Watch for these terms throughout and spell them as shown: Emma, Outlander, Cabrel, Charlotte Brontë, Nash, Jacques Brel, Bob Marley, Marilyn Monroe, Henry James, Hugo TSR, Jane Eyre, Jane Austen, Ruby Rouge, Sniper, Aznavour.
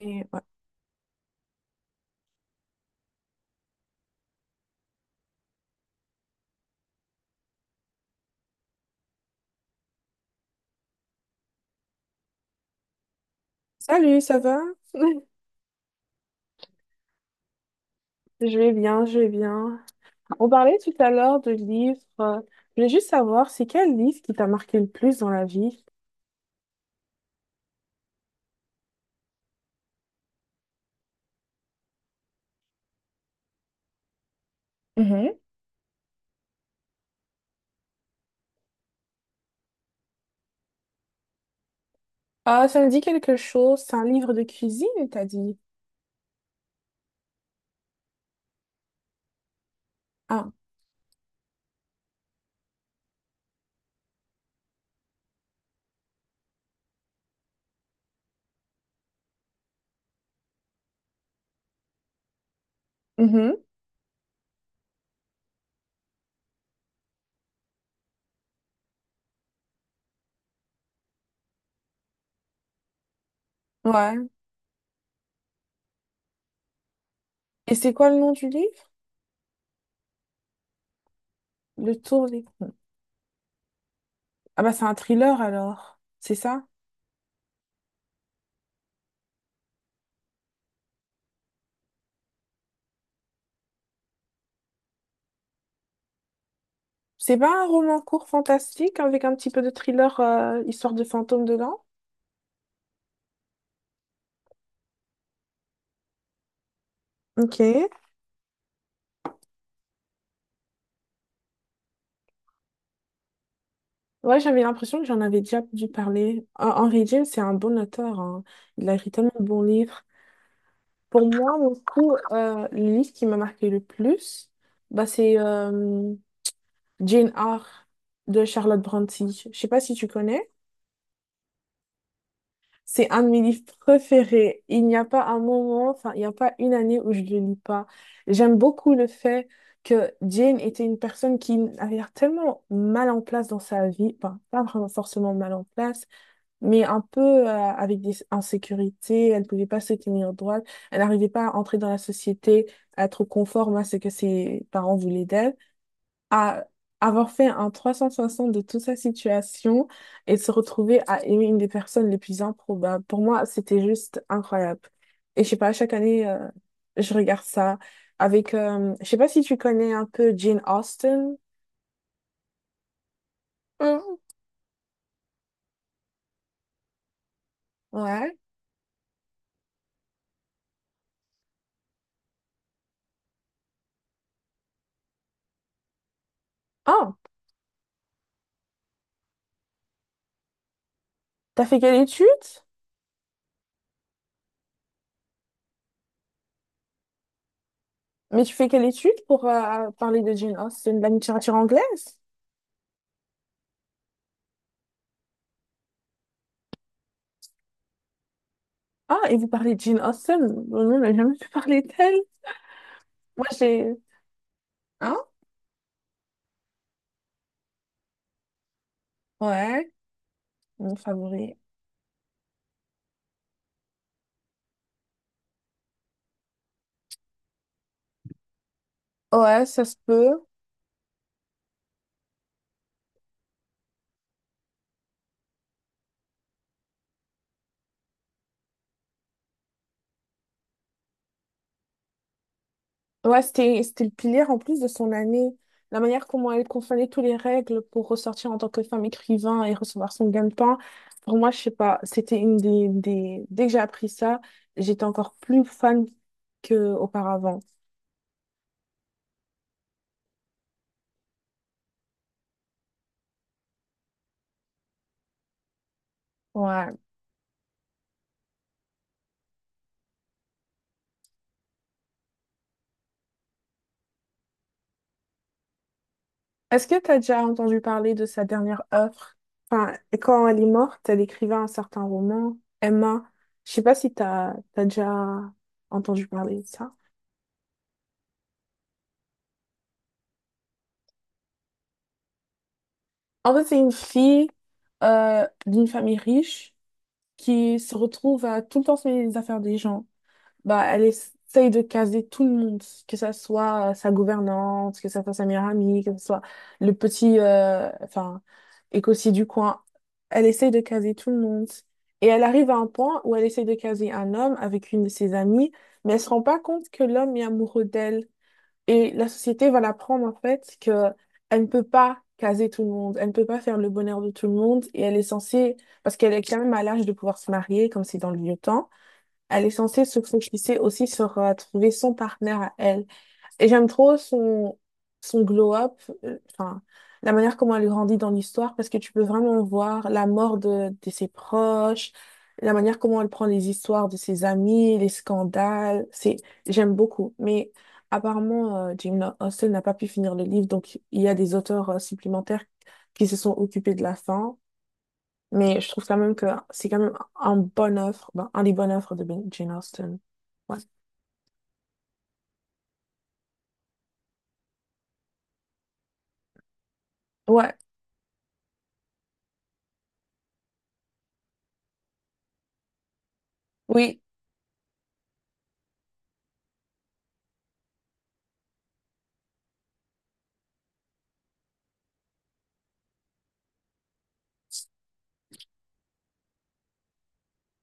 Et ouais. Salut, ça va? Je vais bien, je vais bien. On parlait tout à l'heure de livres. Je voulais juste savoir, c'est quel livre qui t'a marqué le plus dans la vie? Mhm. Ah, ça me dit quelque chose. C'est un livre de cuisine, t'as dit? Ah, mhm, ouais. Et c'est quoi le nom du livre? Le Tour des... Ah bah c'est un thriller alors. C'est ça? C'est pas un roman court fantastique avec un petit peu de thriller, histoire de fantôme dedans? Ok. Ouais, j'avais l'impression que j'en avais déjà dû parler. Henry James, c'est un bon auteur, hein. Il a écrit tellement de bons livres. Pour moi, du coup, le livre qui m'a marqué le plus, c'est Jane Eyre de Charlotte Brontë. Je sais pas si tu connais. C'est un de mes livres préférés. Il n'y a pas un moment, enfin, il n'y a pas une année où je ne le lis pas. J'aime beaucoup le fait que Jane était une personne qui avait l'air tellement mal en place dans sa vie. Enfin, pas vraiment forcément mal en place mais un peu avec des insécurités. Elle ne pouvait pas se tenir droite. Elle n'arrivait pas à entrer dans la société, à être conforme à ce que ses parents voulaient d'elle. À avoir fait un 360 de toute sa situation et de se retrouver à aimer une des personnes les plus improbables. Pour moi, c'était juste incroyable. Et je sais pas, chaque année, je regarde ça avec... je sais pas si tu connais un peu Jane Austen. Mhm. Ouais. Ah, t'as fait quelle étude? Mais tu fais quelle étude pour parler de Jane Austen, de la littérature anglaise? Ah, et vous parlez de Jane Austen? Nous, on n'a jamais pu parler d'elle. Moi, j'ai... Hein? Ouais, mon favori. Ouais, ça se peut. Ouais, c'était, c'était le pilier en plus de son année. La manière comment elle confondait toutes les règles pour ressortir en tant que femme écrivain et recevoir son gain de pain. Pour moi, je sais pas, c'était une des... Dès que j'ai appris ça, j'étais encore plus fan qu'auparavant. Ouais. Est-ce que tu as déjà entendu parler de sa dernière œuvre? Enfin, quand elle est morte, elle écrivait un certain roman, Emma. Je sais pas si tu as déjà entendu parler de ça. En fait, c'est une fille d'une famille riche qui se retrouve à tout le temps se mêler des affaires des gens. Bah, elle essaye de caser tout le monde, que ça soit sa gouvernante, que ça soit sa meilleure amie, que ça soit le petit enfin, écossais du coin. Elle essaye de caser tout le monde. Et elle arrive à un point où elle essaye de caser un homme avec une de ses amies, mais elle se rend pas compte que l'homme est amoureux d'elle. Et la société va l'apprendre en fait que elle ne peut pas caser tout le monde, elle ne peut pas faire le bonheur de tout le monde, et elle est censée, parce qu'elle est quand même à l'âge de pouvoir se marier, comme c'est dans le vieux temps, elle est censée se focaliser aussi sur trouver son partenaire à elle. Et j'aime trop son, son glow-up, enfin, la manière comment elle grandit dans l'histoire, parce que tu peux vraiment voir la mort de ses proches, la manière comment elle prend les histoires de ses amis, les scandales. C'est, j'aime beaucoup. Mais apparemment, Jane Austen n'a pas pu finir le livre, donc il y a des auteurs supplémentaires qui se sont occupés de la fin. Mais je trouve quand même que c'est quand même un bonne offre, ben, un des bonnes offres de Jane Austen. Ouais. Ouais, oui,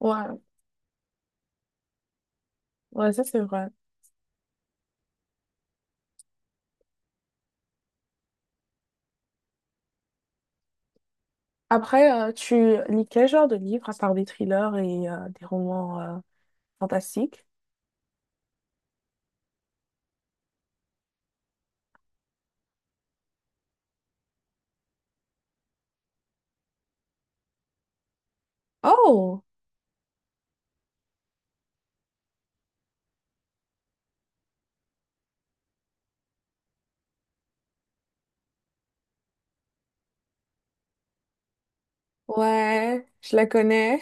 ouais, ouais, ça c'est vrai. Après, tu lis quel genre de livres à part des thrillers et des romans fantastiques? Oh, ouais, je la connais.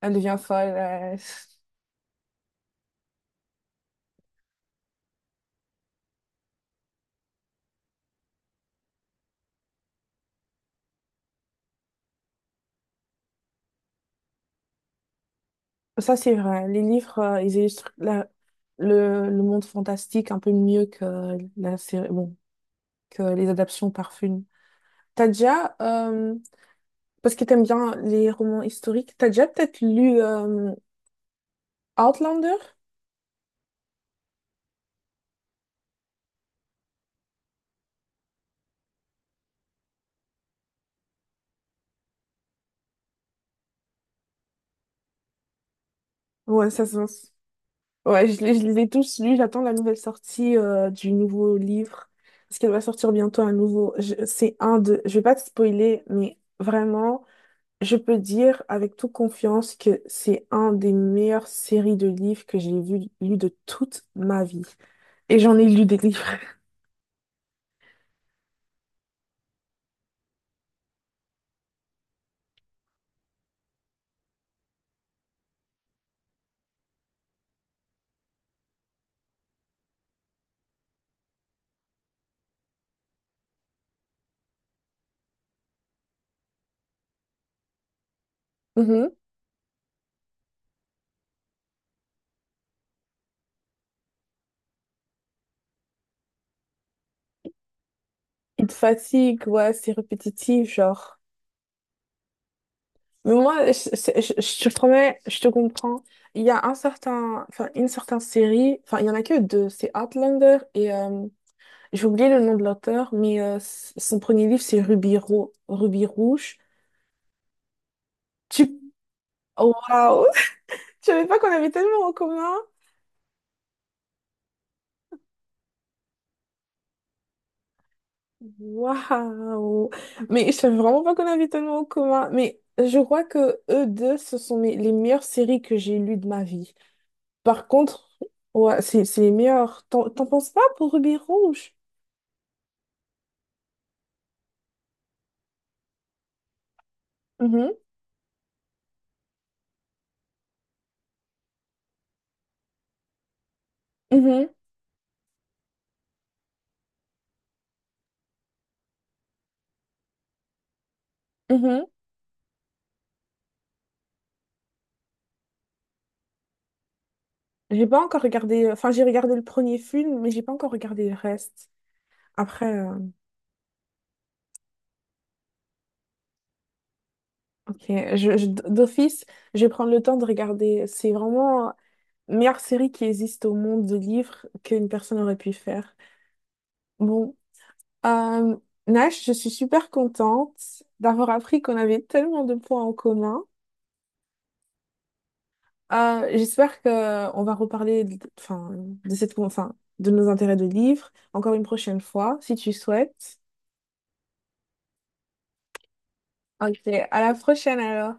Elle devient folle. Ça c'est vrai. Les livres, ils illustrent le monde fantastique un peu mieux que la série, bon, que les adaptations par film. T'as déjà, parce que t'aimes bien les romans historiques. T'as déjà peut-être lu Outlander? Ouais, ça se vend. Ouais, je les ai tous lus. J'attends la nouvelle sortie du nouveau livre. Parce qu'elle va sortir bientôt un nouveau. C'est un de. Je vais pas te spoiler, mais vraiment, je peux dire avec toute confiance que c'est un des meilleures séries de livres que j'ai vu, lu de toute ma vie. Et j'en ai lu des livres. Mhm. Il te fatigue, ouais, c'est répétitif, genre. Mais moi, je, je te promets, je te comprends. Il y a un certain, enfin, une certaine série, enfin, il y en a que deux, c'est Outlander et j'ai oublié le nom de l'auteur, mais son premier livre, c'est Ruby, Ruby Rouge. Tu... Oh, waouh! Je savais pas qu'on avait tellement en commun. Waouh! Mais je savais vraiment pas qu'on avait tellement en commun. Mais je crois que eux deux, ce sont les meilleures séries que j'ai lues de ma vie. Par contre, ouais, c'est les meilleures. T'en penses pas pour Ruby Rouge? Mhm, mhm, mhm. J'ai pas encore regardé, enfin j'ai regardé le premier film, mais j'ai pas encore regardé le reste. Après, ok, d'office, je vais prendre le temps de regarder. C'est vraiment la meilleure série qui existe au monde de livres qu'une personne aurait pu faire. Bon, euh, Nash, je suis super contente d'avoir appris qu'on avait tellement de points en commun. J'espère que on va reparler, enfin, de cette, enfin, de nos intérêts de livres encore une prochaine fois, si tu souhaites. Ok, à la prochaine alors.